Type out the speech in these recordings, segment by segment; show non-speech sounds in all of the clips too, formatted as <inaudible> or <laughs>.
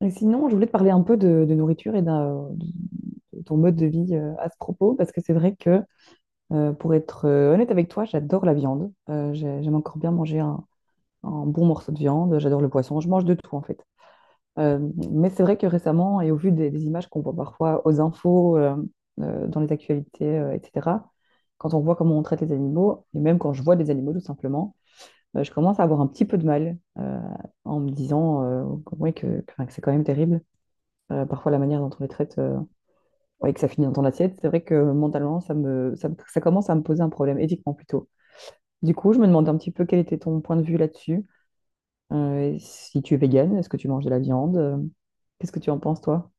Et sinon, je voulais te parler un peu de nourriture de ton mode de vie à ce propos, parce que c'est vrai que, pour être honnête avec toi, j'adore la viande. J'aime encore bien manger un bon morceau de viande. J'adore le poisson. Je mange de tout, en fait. Euh, mais c'est vrai que récemment, et au vu des images qu'on voit parfois aux infos, dans les actualités, etc., quand on voit comment on traite les animaux, et même quand je vois des animaux, tout simplement, je commence à avoir un petit peu de mal en me disant ouais, que c'est quand même terrible. Parfois, la manière dont on les traite et que ça finit dans ton assiette, c'est vrai que mentalement, ça commence à me poser un problème, éthiquement plutôt. Du coup, je me demandais un petit peu quel était ton point de vue là-dessus. Et si tu es végane, est-ce que tu manges de la viande? Qu'est-ce que tu en penses, toi?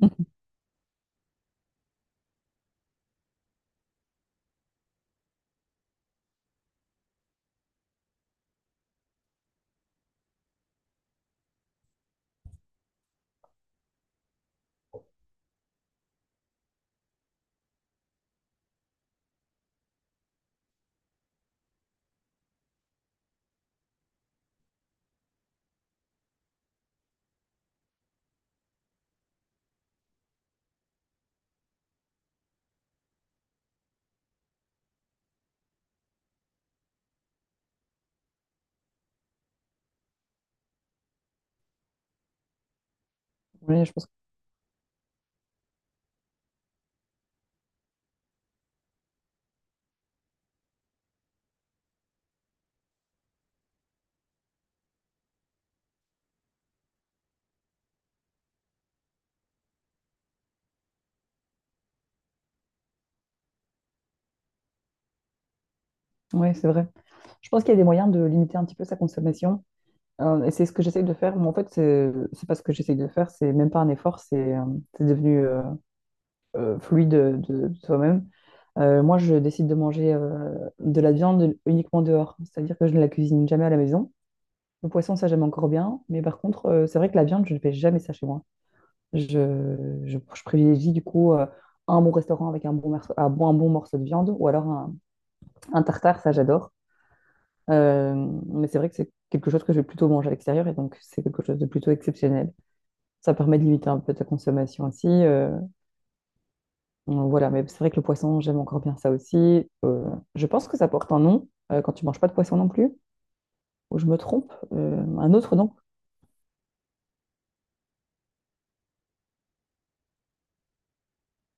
<laughs> Oui, je pense, ouais, c'est vrai. Je pense qu'il y a des moyens de limiter un petit peu sa consommation. Et c'est ce que j'essaye de faire. Mais en fait, c'est pas ce que j'essaye de faire. C'est même pas un effort. C'est devenu fluide de toi-même. Moi, je décide de manger de la viande uniquement dehors, c'est-à-dire que je ne la cuisine jamais à la maison. Le poisson, ça j'aime encore bien, mais par contre, c'est vrai que la viande, je ne fais jamais ça chez moi. Je, je privilégie du coup un bon restaurant avec un bon morceau de viande ou alors un tartare, ça j'adore. Euh, mais c'est vrai que c'est quelque chose que je vais plutôt manger à l'extérieur et donc c'est quelque chose de plutôt exceptionnel. Ça permet de limiter un peu ta consommation aussi. Voilà, mais c'est vrai que le poisson, j'aime encore bien ça aussi. Euh, je pense que ça porte un nom quand tu manges pas de poisson non plus, ou je me trompe, un autre nom.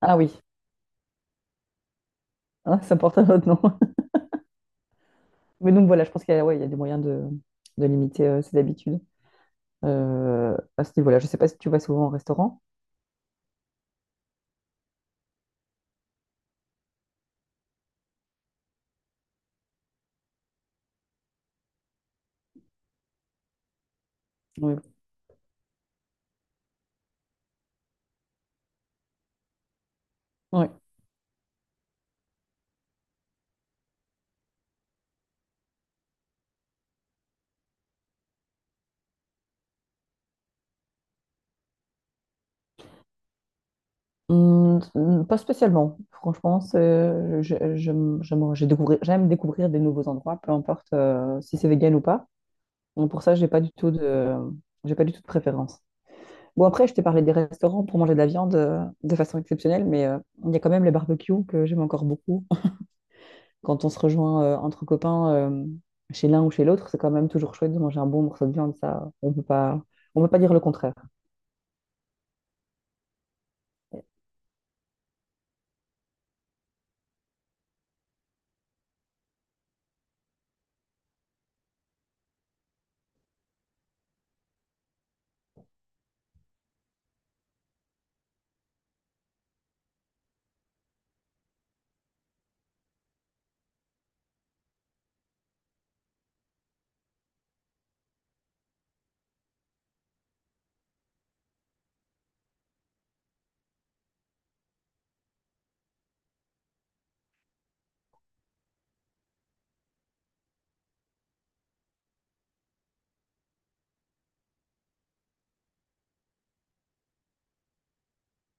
Ah oui, hein, ça porte un autre nom. <laughs> Mais donc voilà, je pense qu'il y a, ouais, il y a des moyens de limiter ses habitudes à ce niveau-là. Je sais pas si tu vas souvent au restaurant. Oui. Ouais. Pas spécialement, franchement, j'aime découvrir des nouveaux endroits, peu importe si c'est vegan ou pas. Donc pour ça, j'ai pas du tout de préférence. Bon, après, je t'ai parlé des restaurants pour manger de la viande de façon exceptionnelle, mais il y a quand même les barbecues que j'aime encore beaucoup. <laughs> Quand on se rejoint entre copains chez l'un ou chez l'autre, c'est quand même toujours chouette de manger un bon morceau de viande, ça, on peut pas dire le contraire.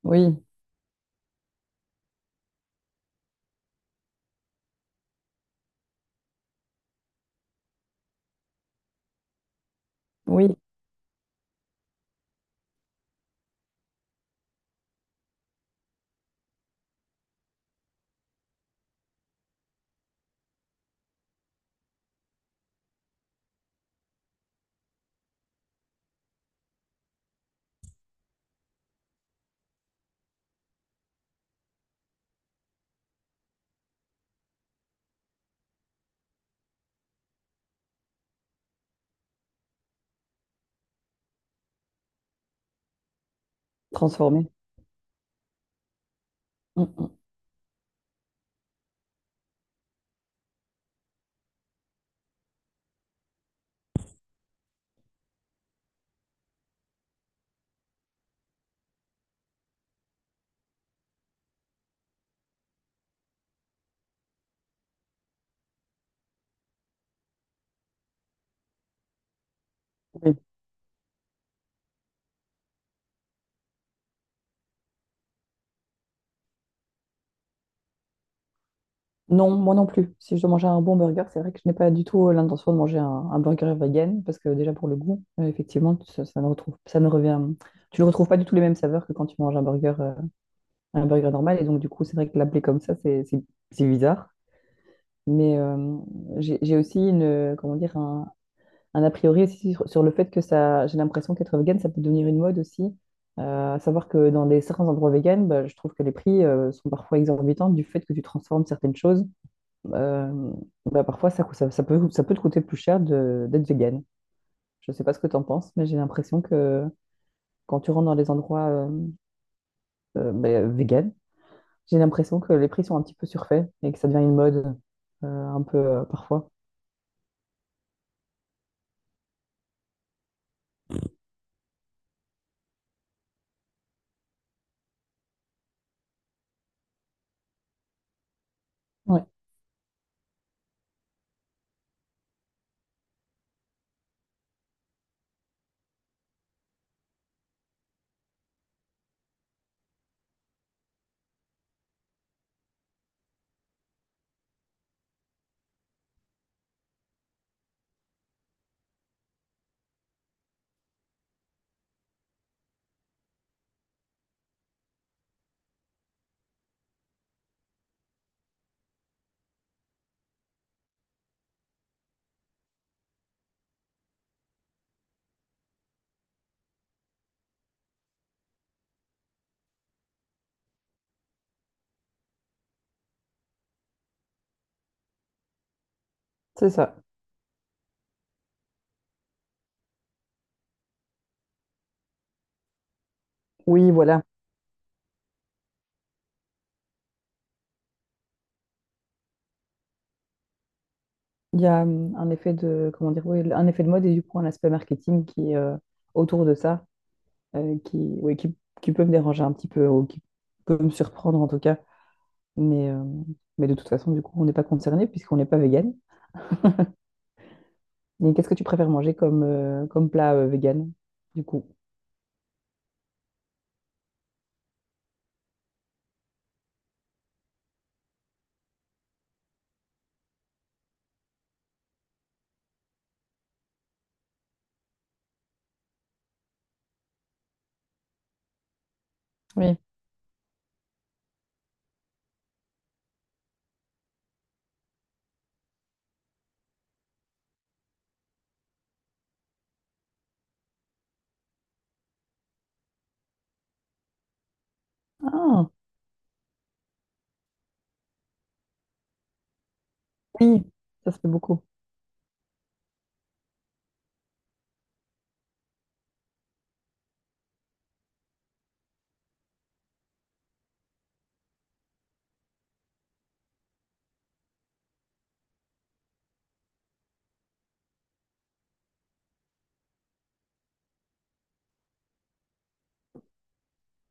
Oui, oui, transformé. Mm, mm, oui. Non, moi non plus. Si je dois manger un bon burger, c'est vrai que je n'ai pas du tout l'intention de manger un burger vegan, parce que déjà pour le goût, effectivement, ça ne revient, tu ne retrouves pas du tout les mêmes saveurs que quand tu manges un burger normal. Et donc, du coup, c'est vrai que l'appeler comme ça, c'est bizarre. Mais j'ai aussi une, comment dire, un a priori aussi sur, sur le fait que ça, j'ai l'impression qu'être vegan, ça peut devenir une mode aussi. À savoir que certains endroits vegan, bah, je trouve que les prix sont parfois exorbitants du fait que tu transformes certaines choses. Euh, Bah, parfois, ça, cou- ça, ça peut te coûter plus cher d'être vegan. Je ne sais pas ce que tu en penses, mais j'ai l'impression que quand tu rentres dans les endroits bah, vegan, j'ai l'impression que les prix sont un petit peu surfaits et que ça devient une mode un peu parfois. Ouais, c'est ça. Oui, voilà. Il y a un effet de, comment dire, oui, un effet de mode et du coup un aspect marketing qui est autour de ça, euh, qui, oui, qui, qui peut me déranger un petit peu ou qui peut me surprendre en tout cas. Mais, euh, mais de toute façon, du coup, on n'est pas concerné puisqu'on n'est pas vegan. Mais qu'est-ce que tu préfères manger comme, comme plat vegan, du coup? Oui. Ah, oui, ça se fait beaucoup.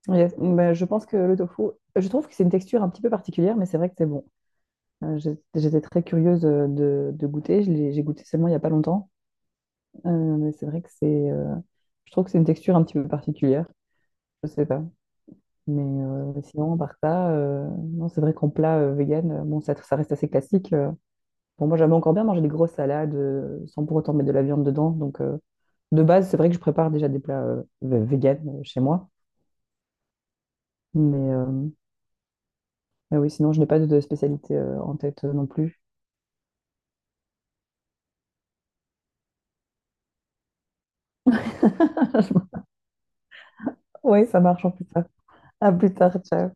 Yes. Ben, je pense que le tofu, je trouve que c'est une texture un petit peu particulière, mais c'est vrai que c'est bon. J'étais très curieuse de goûter. J'ai goûté seulement il n'y a pas longtemps. Euh, mais c'est vrai que c'est. Euh, je trouve que c'est une texture un petit peu particulière. Je sais pas. Mais sinon, par ça, non, c'est vrai qu'en plat vegan, bon, ça reste assez classique. Bon, moi, j'aime encore bien manger des grosses salades sans pour autant mettre de la viande dedans. Donc, de base, c'est vrai que je prépare déjà des plats vegan chez moi. Mais, euh, Mais oui, sinon, je n'ai pas de spécialité en tête non plus. <laughs> Oui, ça marche en plus tard. À plus tard, ciao.